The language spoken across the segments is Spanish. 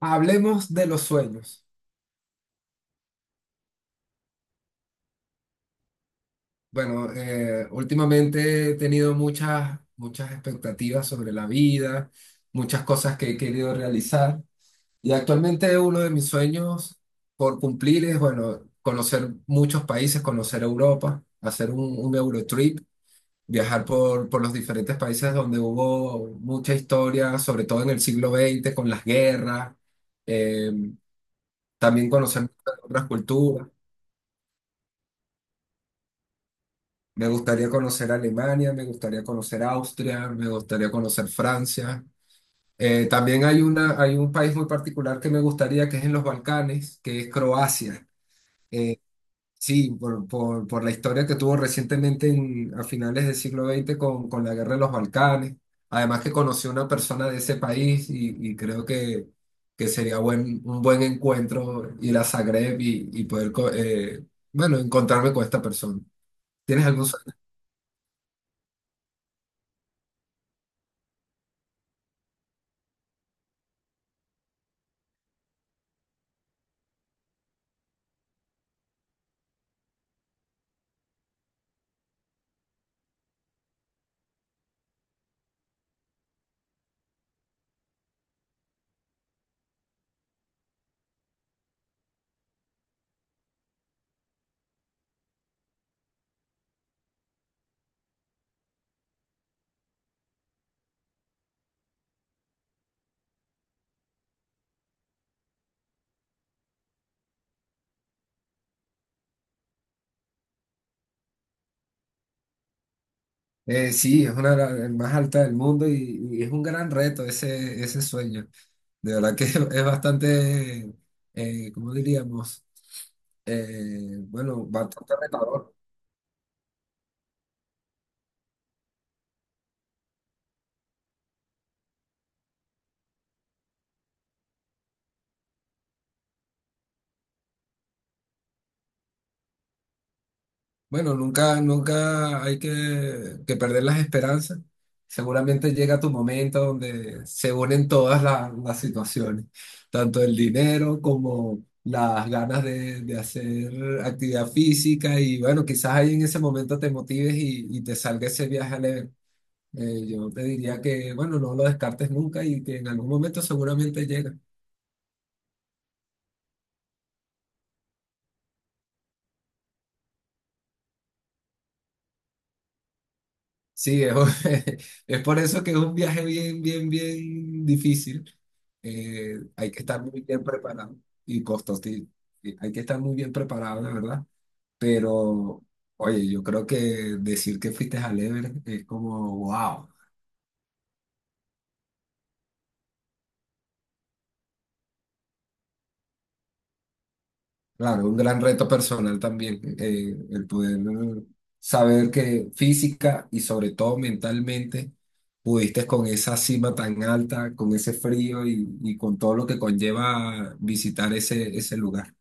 Hablemos de los sueños. Bueno, últimamente he tenido muchas expectativas sobre la vida, muchas cosas que he querido realizar y actualmente uno de mis sueños por cumplir es, bueno, conocer muchos países, conocer Europa, hacer un Eurotrip, viajar por los diferentes países donde hubo mucha historia, sobre todo en el siglo XX, con las guerras, eh, también conocer otras culturas. Me gustaría conocer Alemania, me gustaría conocer Austria, me gustaría conocer Francia. También hay una, hay un país muy particular que me gustaría, que es en los Balcanes, que es Croacia. Eh, sí, por la historia que tuvo recientemente a finales del siglo XX con la guerra de los Balcanes. Además que conocí a una persona de ese país y creo que sería un buen encuentro ir a Zagreb y poder, bueno, encontrarme con esta persona. ¿Tienes algún? Sí, es una de las más altas del mundo y es un gran reto ese, ese sueño. De verdad que es bastante, ¿cómo diríamos? Bueno, bastante retador. Bueno, nunca hay que perder las esperanzas. Seguramente llega tu momento donde se unen todas las situaciones, tanto el dinero como las ganas de hacer actividad física y bueno, quizás ahí en ese momento te motives y te salga ese viaje a leer. Yo te diría que, bueno, no lo descartes nunca y que en algún momento seguramente llega. Sí, es, es por eso que es un viaje bien difícil. Hay que estar muy bien preparado y costoso. Sí. Sí, hay que estar muy bien preparado, de verdad. Pero, oye, yo creo que decir que fuiste al Everest es como, wow. Claro, un gran reto personal también, el poder saber que física y sobre todo mentalmente pudiste con esa cima tan alta, con ese frío y con todo lo que conlleva visitar ese, ese lugar.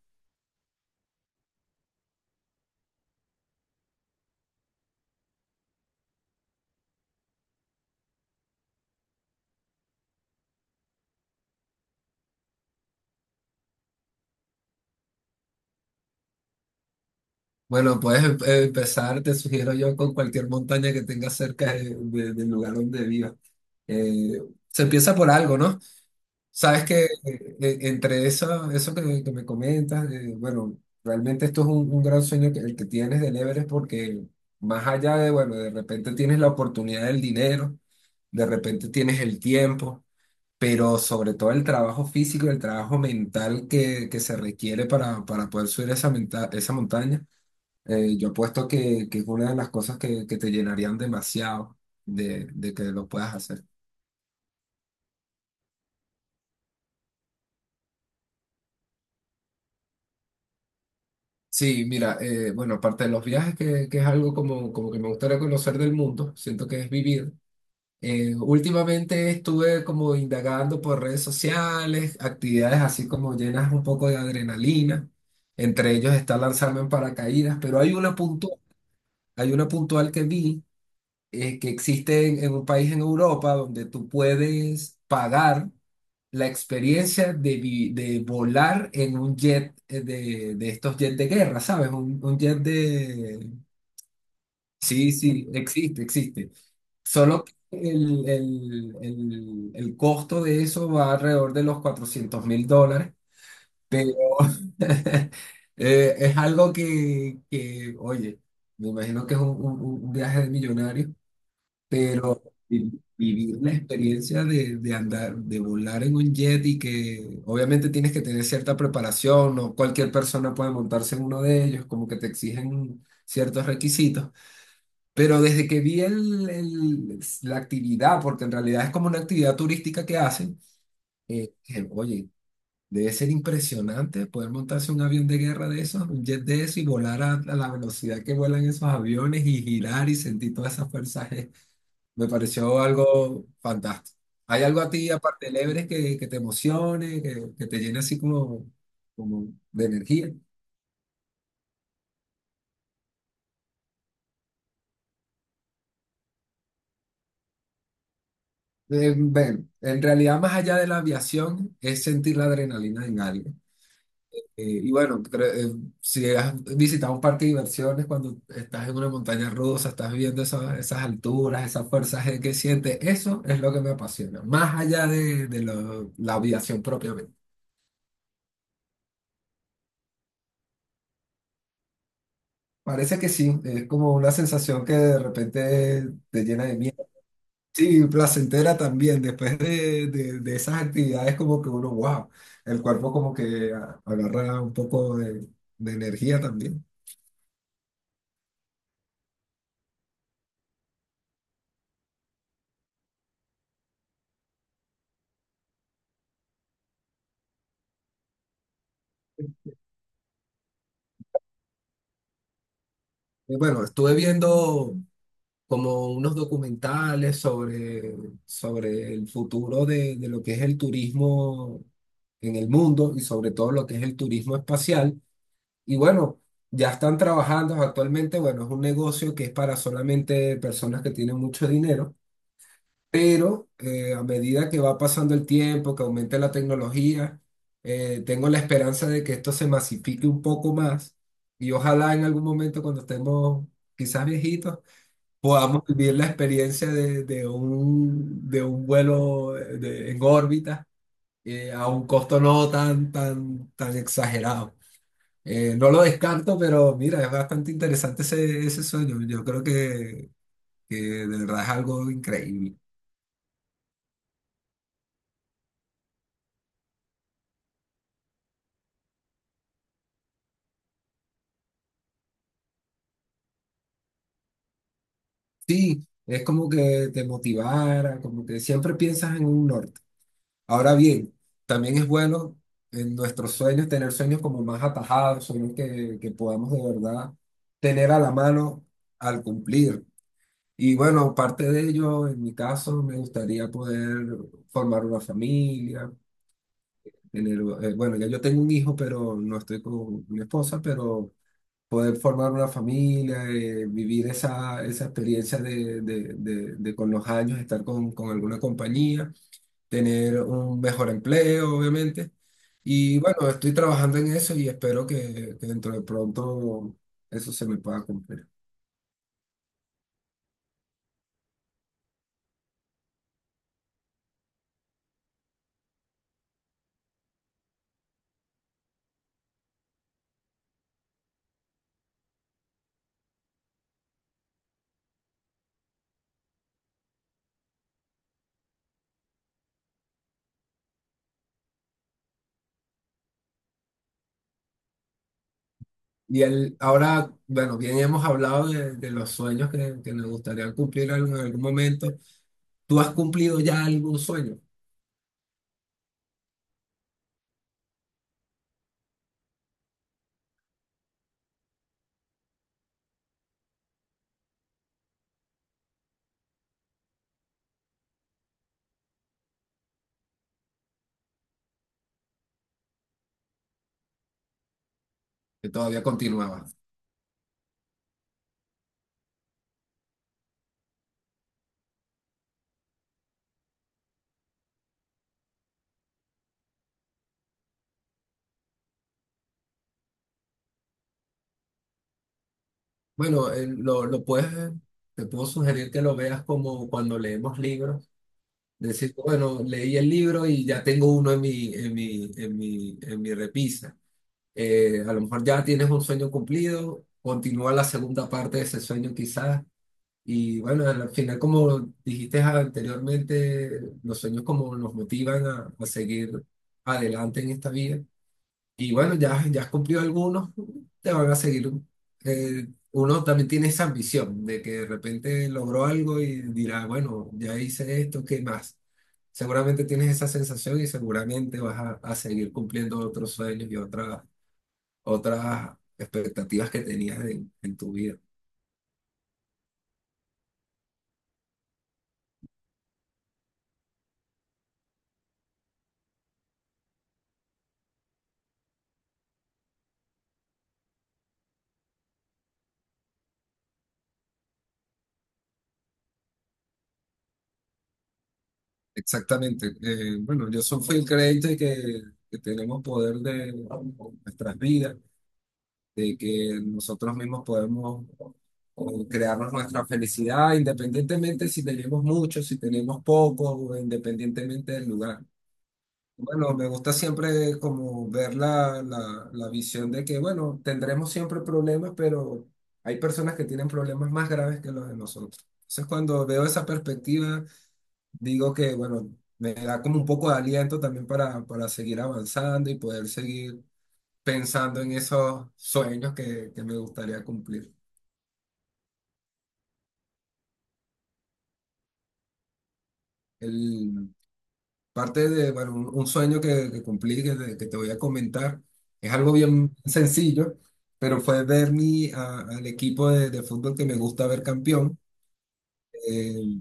Bueno, puedes empezar, te sugiero yo, con cualquier montaña que tengas cerca del lugar donde vivas. Eh, se empieza por algo, ¿no? Sabes que entre eso, eso que me comentas, bueno, realmente esto es un gran sueño que, el que tienes del Everest porque más allá de, bueno, de repente tienes la oportunidad del dinero, de repente tienes el tiempo, pero sobre todo el trabajo físico, el trabajo mental que se requiere para poder subir esa, esa montaña, yo apuesto que es una de las cosas que te llenarían demasiado de que lo puedas hacer. Sí, mira, bueno, aparte de los viajes, que es algo como, como que me gustaría conocer del mundo, siento que es vivir. Últimamente estuve como indagando por redes sociales, actividades así como llenas un poco de adrenalina. Entre ellos está lanzarme en paracaídas, pero hay una puntual que vi que existe en un país en Europa donde tú puedes pagar la experiencia de, de volar en un jet de estos jets de guerra, ¿sabes? Un jet de... Sí, sí, existe, existe. Solo que el costo de eso va alrededor de los 400 mil dólares, pero es algo que, oye, me imagino que es un, un viaje de millonario. Pero vi- vivir la experiencia de andar, de volar en un jet y que obviamente tienes que tener cierta preparación, no cualquier persona puede montarse en uno de ellos, como que te exigen ciertos requisitos. Pero desde que vi el, la actividad, porque en realidad es como una actividad turística que hacen, que, oye, debe ser impresionante poder montarse un avión de guerra de esos, un jet de eso y volar a la velocidad que vuelan esos aviones y girar y sentir toda esa fuerza me pareció algo fantástico. ¿Hay algo a ti, aparte del Everest, que te emocione, que te llene así como, como de energía? Bueno, en realidad, más allá de la aviación, es sentir la adrenalina en algo. Y bueno, si has visitado un parque de diversiones, cuando estás en una montaña rusa, estás viendo esas alturas, esas fuerzas que sientes, eso es lo que me apasiona, más allá de, la aviación propiamente. Parece que sí, es como una sensación que de repente te llena de miedo. Sí, placentera también, después de, de esas actividades como que uno, wow, el cuerpo como que agarra un poco de energía también. Y bueno, estuve viendo como unos documentales sobre, sobre el futuro de lo que es el turismo en el mundo y sobre todo lo que es el turismo espacial. Y bueno, ya están trabajando actualmente, bueno, es un negocio que es para solamente personas que tienen mucho dinero, pero a medida que va pasando el tiempo, que aumente la tecnología, tengo la esperanza de que esto se masifique un poco más y ojalá en algún momento cuando estemos quizás viejitos, podamos vivir la experiencia de un vuelo en órbita a un costo no tan exagerado. No lo descarto, pero mira, es bastante interesante ese, ese sueño. Yo creo que de verdad es algo increíble. Sí, es como que te motivara, como que siempre piensas en un norte. Ahora bien, también es bueno en nuestros sueños tener sueños como más atajados, sueños que podamos de verdad tener a la mano al cumplir. Y bueno, parte de ello, en mi caso, me gustaría poder formar una familia en bueno, ya yo tengo un hijo, pero no estoy con mi esposa, pero poder formar una familia, vivir esa, esa experiencia de, de con los años, estar con alguna compañía, tener un mejor empleo, obviamente. Y bueno, estoy trabajando en eso y espero que dentro de pronto eso se me pueda cumplir. Y el, ahora, bueno, bien hemos hablado de los sueños que nos gustaría cumplir en algún momento. ¿Tú has cumplido ya algún sueño que todavía continuaba? Bueno, lo puedes, te puedo sugerir que lo veas como cuando leemos libros. Decir, bueno, leí el libro y ya tengo uno en mi, en mi, en mi, en mi repisa. A lo mejor ya tienes un sueño cumplido, continúa la segunda parte de ese sueño quizás. Y bueno, al final, como dijiste anteriormente, los sueños como nos motivan a seguir adelante en esta vida. Y bueno, ya has cumplido algunos, te van a seguir. Eh, uno también tiene esa ambición de que de repente logró algo y dirá, bueno, ya hice esto, ¿qué más? Seguramente tienes esa sensación y seguramente vas a seguir cumpliendo otros sueños y otras, otras expectativas que tenías en tu vida. Exactamente. Bueno, yo soy, fui el creyente que tenemos poder de nuestras vidas de que nosotros mismos podemos o crearnos nuestra felicidad independientemente si tenemos mucho, si tenemos poco, o independientemente del lugar. Bueno, me gusta siempre como ver la visión de que, bueno, tendremos siempre problemas, pero hay personas que tienen problemas más graves que los de nosotros. Entonces, cuando veo esa perspectiva, digo que, bueno, me da como un poco de aliento también para seguir avanzando y poder seguir pensando en esos sueños que me gustaría cumplir. El, parte de, bueno, un sueño que cumplí, que te voy a comentar, es algo bien sencillo, pero fue ver mi, al equipo de fútbol que me gusta ver campeón. eh,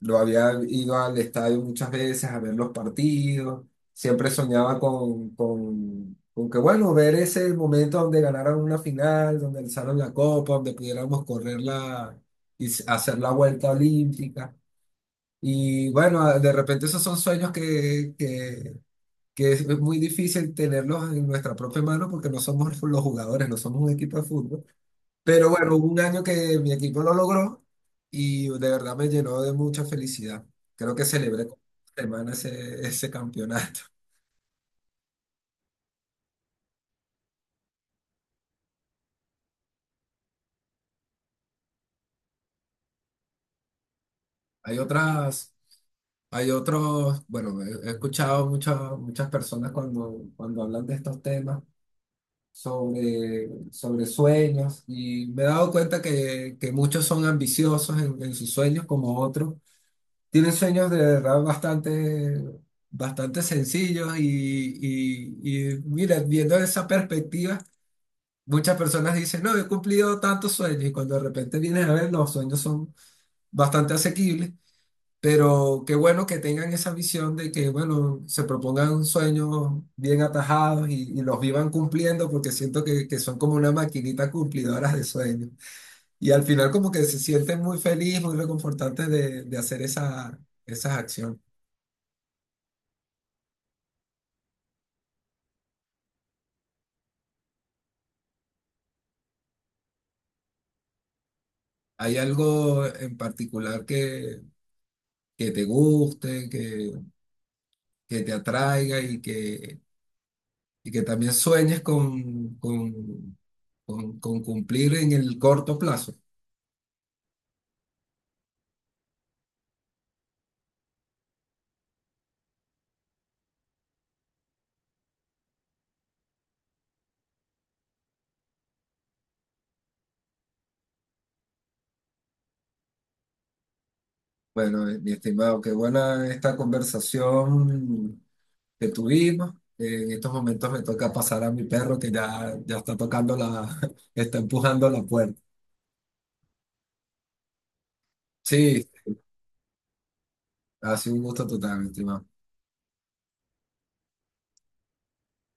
lo había ido al estadio muchas veces a ver los partidos. Siempre soñaba con que, bueno, ver ese momento donde ganaran una final, donde alzaron la copa, donde pudiéramos correrla y hacer la vuelta olímpica. Y bueno, de repente esos son sueños que es muy difícil tenerlos en nuestra propia mano porque no somos los jugadores, no somos un equipo de fútbol, pero bueno, hubo un año que mi equipo lo logró y de verdad me llenó de mucha felicidad. Creo que celebré con una semana ese, ese campeonato. Hay otras, hay otros, bueno, he escuchado muchas personas cuando, cuando hablan de estos temas sobre, sobre sueños y me he dado cuenta que muchos son ambiciosos en sus sueños como otros. Tienen sueños de verdad bastante, bastante sencillos y mira, viendo esa perspectiva, muchas personas dicen, no, he cumplido tantos sueños y cuando de repente vienes a ver, los sueños son bastante asequibles, pero qué bueno que tengan esa visión de que, bueno, se propongan sueños bien atajados y los vivan cumpliendo porque siento que son como una maquinita cumplidora de sueños y al final como que se sienten muy feliz, muy reconfortantes de hacer esa, esas acciones. ¿Hay algo en particular que te guste, que te atraiga y que también sueñes con cumplir en el corto plazo? Bueno, mi estimado, qué buena esta conversación que tuvimos. En estos momentos me toca pasar a mi perro que ya está tocando la, está empujando la puerta. Sí, ha sido un gusto total, mi estimado.